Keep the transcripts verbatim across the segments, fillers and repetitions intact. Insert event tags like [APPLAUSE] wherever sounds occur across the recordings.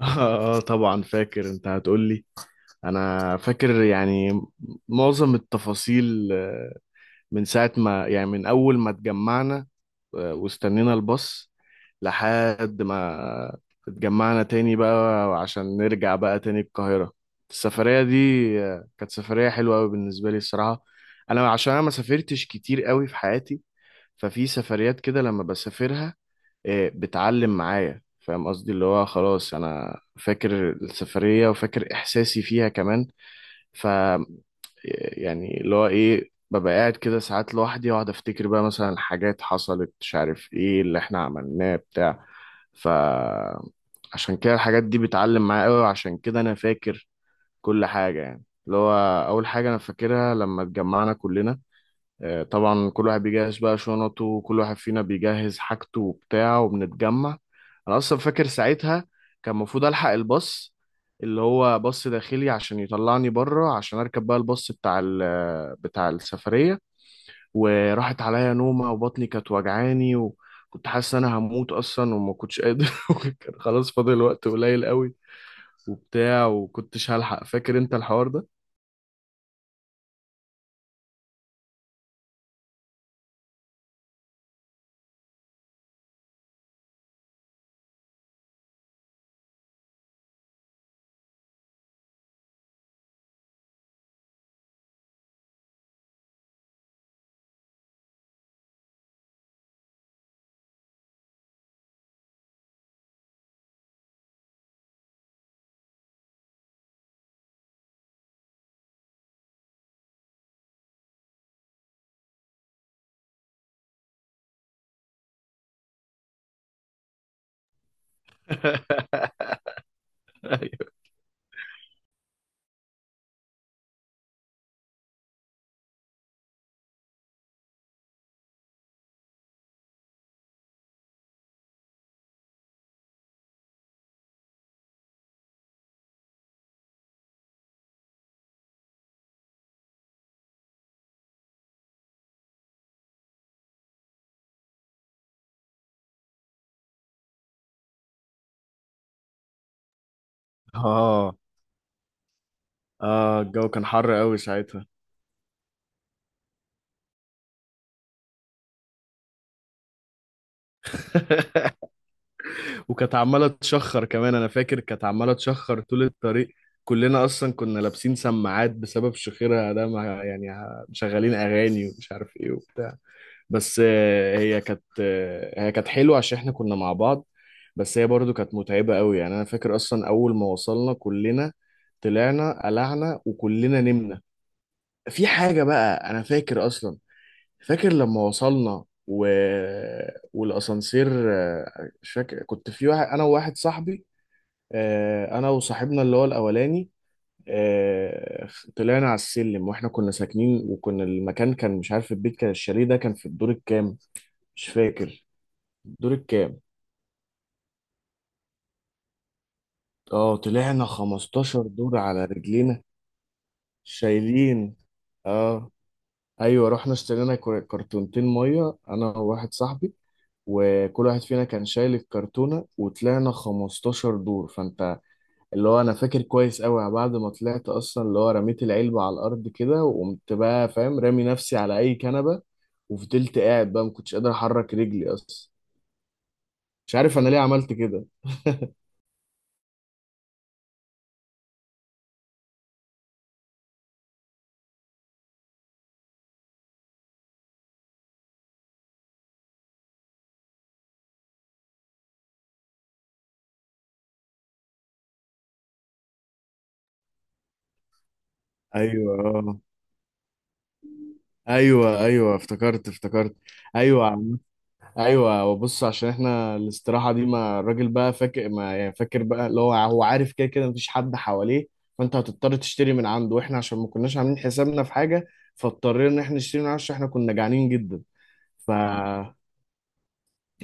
اه آه، طبعا فاكر انت هتقول لي. انا فاكر يعني معظم التفاصيل آه، من ساعة ما يعني من اول ما اتجمعنا آه، واستنينا الباص لحد ما اتجمعنا تاني بقى عشان نرجع بقى تاني القاهرة. السفرية دي آه، كانت سفرية حلوة قوي بالنسبة لي الصراحة. انا عشان انا ما سافرتش كتير قوي في حياتي. ففي سفريات كده لما بسافرها إيه، بتعلم معايا فاهم قصدي اللي هو خلاص انا فاكر السفرية وفاكر احساسي فيها كمان. ف يعني اللي هو ايه ببقى قاعد كده ساعات لوحدي واقعد افتكر بقى مثلا حاجات حصلت مش عارف ايه اللي احنا عملناه بتاع. فعشان كده الحاجات دي بتعلم معايا قوي وعشان كده انا فاكر كل حاجة يعني اللي هو اول حاجة انا فاكرها لما اتجمعنا كلنا. آه، طبعا كل واحد بيجهز بقى شنطه وكل واحد فينا بيجهز حاجته وبتاع وبنتجمع. انا اصلا فاكر ساعتها كان المفروض الحق الباص اللي هو باص داخلي عشان يطلعني بره عشان اركب بقى الباص بتاع ال- بتاع السفريه. وراحت عليا نومه وبطني كانت وجعاني وكنت حاسس ان انا هموت اصلا وما كنتش قادر [LAUGHS] وكان خلاص فاضل وقت قليل قوي وبتاع وكنتش هلحق فاكر انت الحوار ده. [LAUGHS] أيوة. اه اه الجو كان حر قوي ساعتها. [LAUGHS] وكانت عماله تشخر كمان انا فاكر كانت عماله تشخر طول الطريق. كلنا اصلا كنا لابسين سماعات بسبب شخيرها ده مع يعني ه- مشغلين اغاني ومش عارف ايه وبتاع. بس آه، هي كانت آه، هي كانت حلوه عشان احنا كنا مع بعض. بس هي برضو كانت متعبه قوي يعني انا فاكر اصلا اول ما وصلنا كلنا طلعنا قلعنا وكلنا نمنا. في حاجه بقى انا فاكر اصلا فاكر لما وصلنا و... والاسانسير آه، مش فاكر كنت في واحد انا وواحد صاحبي. آه، انا وصاحبنا اللي هو الاولاني. آه، طلعنا على السلم واحنا كنا ساكنين وكنا المكان كان مش عارف البيت كان الشاليه ده كان في الدور الكام. مش فاكر الدور الكام. اه طلعنا 15 دور على رجلينا. شايلين اه ايوه رحنا اشترينا كر- كرتونتين ميه انا وواحد صاحبي وكل واحد فينا كان شايل الكرتونه وطلعنا 15 دور فانت اللي هو انا فاكر كويس قوي بعد ما طلعت اصلا اللي هو رميت العلبة على الارض كده وقمت بقى فاهم رامي نفسي على اي كنبة وفضلت قاعد بقى ما كنتش قادر احرك رجلي اصلا. مش عارف انا ليه عملت كده. ايوه آه. ايوه ايوه افتكرت افتكرت. ايوه عم- ايوه وبص عشان احنا الاستراحه دي ما الراجل بقى فاكر ما يعني فاكر بقى اللي هو هو عارف كده كده مفيش حد حواليه. فانت هتضطر تشتري من عنده واحنا عشان ما كناش عاملين حسابنا في حاجه. فاضطرينا ان احنا نشتري من عنده عشان احنا كنا جعانين جدا. ف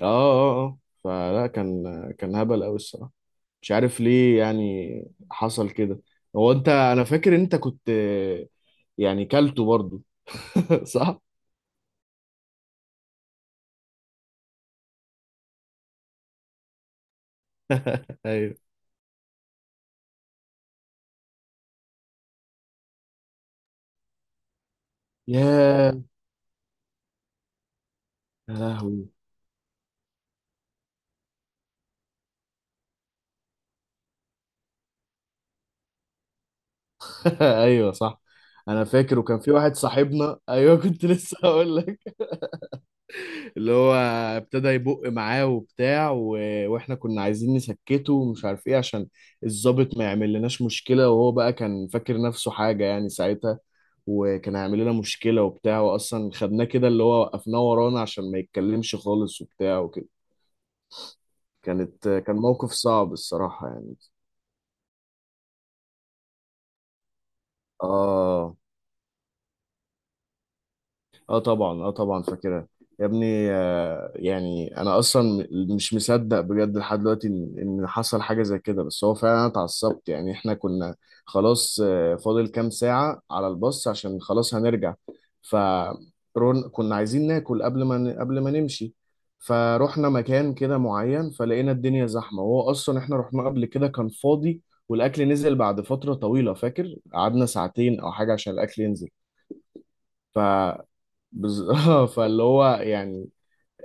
اه اه اه فلا كان كان هبل قوي الصراحه. مش عارف ليه يعني حصل كده. هو انت انا فاكر انت كنت يعني كلته برضو. [LAUGHS] صح. [LAUGHS] ايوه. ياه يا لهوي. [LAUGHS] ايوه صح. انا فاكر وكان في واحد صاحبنا ايوه كنت لسه هقول لك اللي هو ابتدى يبق معاه وبتاع و... واحنا كنا عايزين نسكته ومش عارف ايه عشان الضابط ما يعمل لناش مشكلة وهو بقى كان فاكر نفسه حاجة يعني ساعتها. وكان هيعمل لنا مشكلة وبتاع واصلا خدناه كده اللي هو وقفناه ورانا عشان ما يتكلمش خالص وبتاع وكده. كانت كان موقف صعب الصراحة يعني. اه اه طبعا اه طبعا فاكرها. يا ابني آه، يعني انا اصلا مش مصدق بجد لحد دلوقتي ان إن حصل حاجه زي كده. بس هو فعلا انا اتعصبت يعني احنا كنا خلاص آه، فاضل كام ساعه على الباص عشان خلاص هنرجع. فرون كنا عايزين ناكل قبل ما ن- قبل ما نمشي. فروحنا مكان كده معين فلقينا الدنيا زحمه وهو اصلا احنا رحنا قبل كده كان فاضي. والاكل نزل بعد فتره طويله فاكر قعدنا ساعتين او حاجه عشان الاكل ينزل. ف بز... [LAUGHS] آه، فاللي هو يعني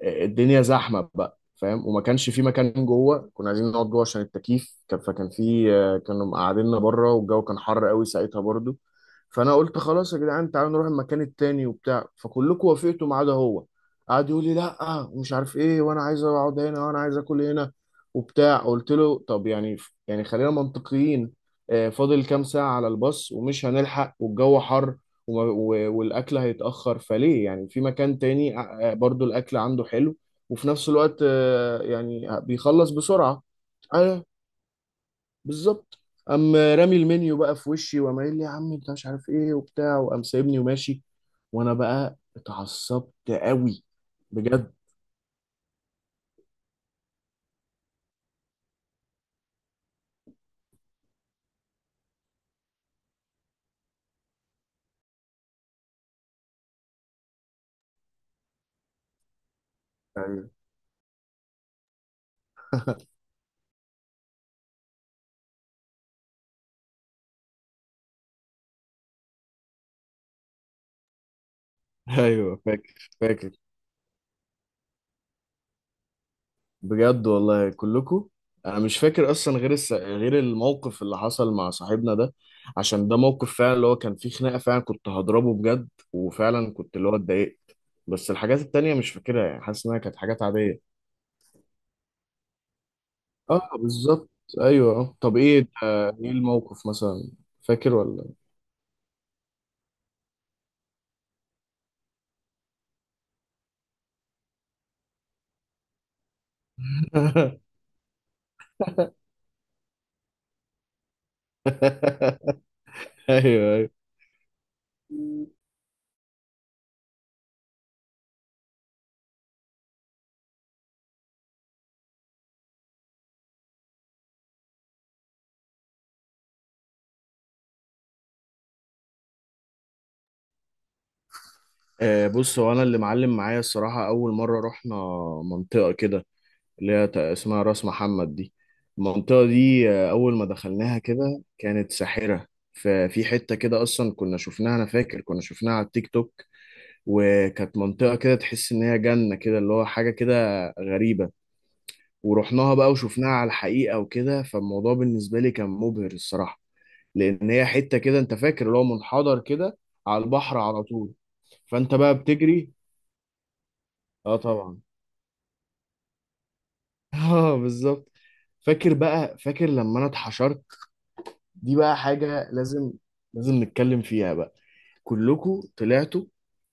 الدنيا زحمه بقى فاهم وما كانش في مكان جوه كنا عايزين نقعد جوه عشان التكييف كان- فكان في آه، كانوا مقعديننا بره والجو كان حر قوي ساعتها برضو. فانا قلت خلاص يا جدعان تعالوا نروح المكان التاني وبتاع فكلكم وافقتوا ما عدا هو. قعد يقول لي لا ومش عارف ايه وانا عايز اقعد هنا وانا عايز اكل هنا وبتاع. قلت له طب يعني يعني خلينا منطقيين. آه، فاضل كام ساعه على الباص ومش هنلحق والجو حر و- و- والاكل هيتاخر فليه يعني في مكان تاني آه، برضو الاكل عنده حلو وفي نفس الوقت آه، يعني بيخلص بسرعه. ايوه بالظبط. قام رامي المنيو بقى في وشي وقام قايل لي يا عم انت مش عارف ايه وبتاع وقام سايبني وماشي. وانا بقى اتعصبت قوي بجد. ايوه [LAUGHS] ايوه فاكر فاكر. بجد والله كلكم. انا مش فاكر اصلا غير الس... غير الموقف اللي حصل مع صاحبنا ده. عشان ده موقف فعلا اللي هو كان فيه خناقه فعلا كنت هضربه بجد وفعلا كنت اللي هو اتضايقت. بس الحاجات التانية مش فاكرها يعني حاسس انها كانت حاجات عاديه. اه بالظبط. ايوه آه. طب ايه آه، ايه الموقف مثلا. فاكر ولا [LAUGHS] ايوه ايوه. آه، بص هو انا اللي معلم معايا الصراحه اول مره رحنا منطقه كده اللي هي تق- اسمها راس محمد دي. المنطقة دي آه، أول ما دخلناها كده كانت ساحرة. ففي حتة كده أصلا كنا شفناها أنا فاكر كنا شفناها على التيك توك. وكانت منطقة كده تحس إن هي جنة كده اللي هو حاجة كده غريبة. ورحناها بقى وشفناها على الحقيقة وكده فالموضوع بالنسبة لي كان مبهر الصراحة. لأن هي حتة كده أنت فاكر اللي هو منحدر كده على البحر على طول. فأنت بقى بتجري. اه طبعا. [LAUGHS] اه بالظبط. فاكر بقى فاكر لما انا اتحشرت. دي بقى حاجة لازم لازم نتكلم فيها بقى. كلكم طلعتوا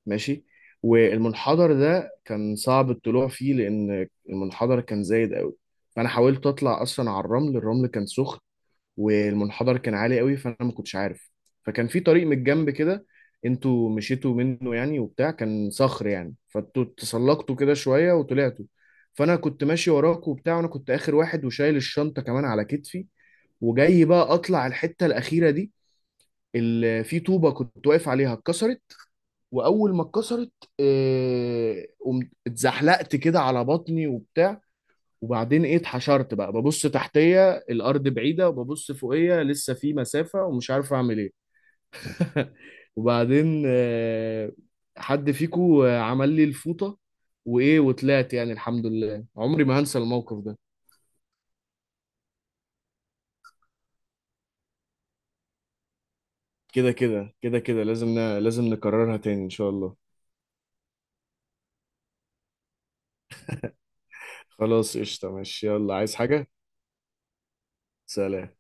ماشي. والمنحدر ده كان صعب الطلوع فيه لأن المنحدر كان زايد قوي. فأنا حاولت أطلع أصلا على الرمل. الرمل كان سخن. والمنحدر كان عالي قوي فأنا ما كنتش عارف. فكان في طريق من الجنب كده انتوا مشيتوا منه يعني وبتاع كان صخر يعني فانتوا تسلقتوا كده شوية وطلعتوا. فأنا كنت ماشي وراكوا وبتاع وأنا كنت آخر واحد وشايل الشنطة كمان على كتفي. وجاي بقى اطلع الحته الاخيره دي اللي في طوبه كنت واقف عليها اتكسرت. واول ما اتكسرت آه، قمت اتزحلقت كده على بطني وبتاع. وبعدين ايه اتحشرت بقى ببص تحتيا الارض بعيده وببص فوقيا لسه في مسافه ومش عارف اعمل ايه. [LAUGHS] وبعدين آه، حد فيكو آه، عمل لي الفوطه وايه وطلعت يعني الحمد لله عمري ما هنسى الموقف ده. كده كده كده كده لازم ن- لازم نكررها تاني ان شاء الله. خلاص قشطة ماشي يلا عايز حاجة. سلام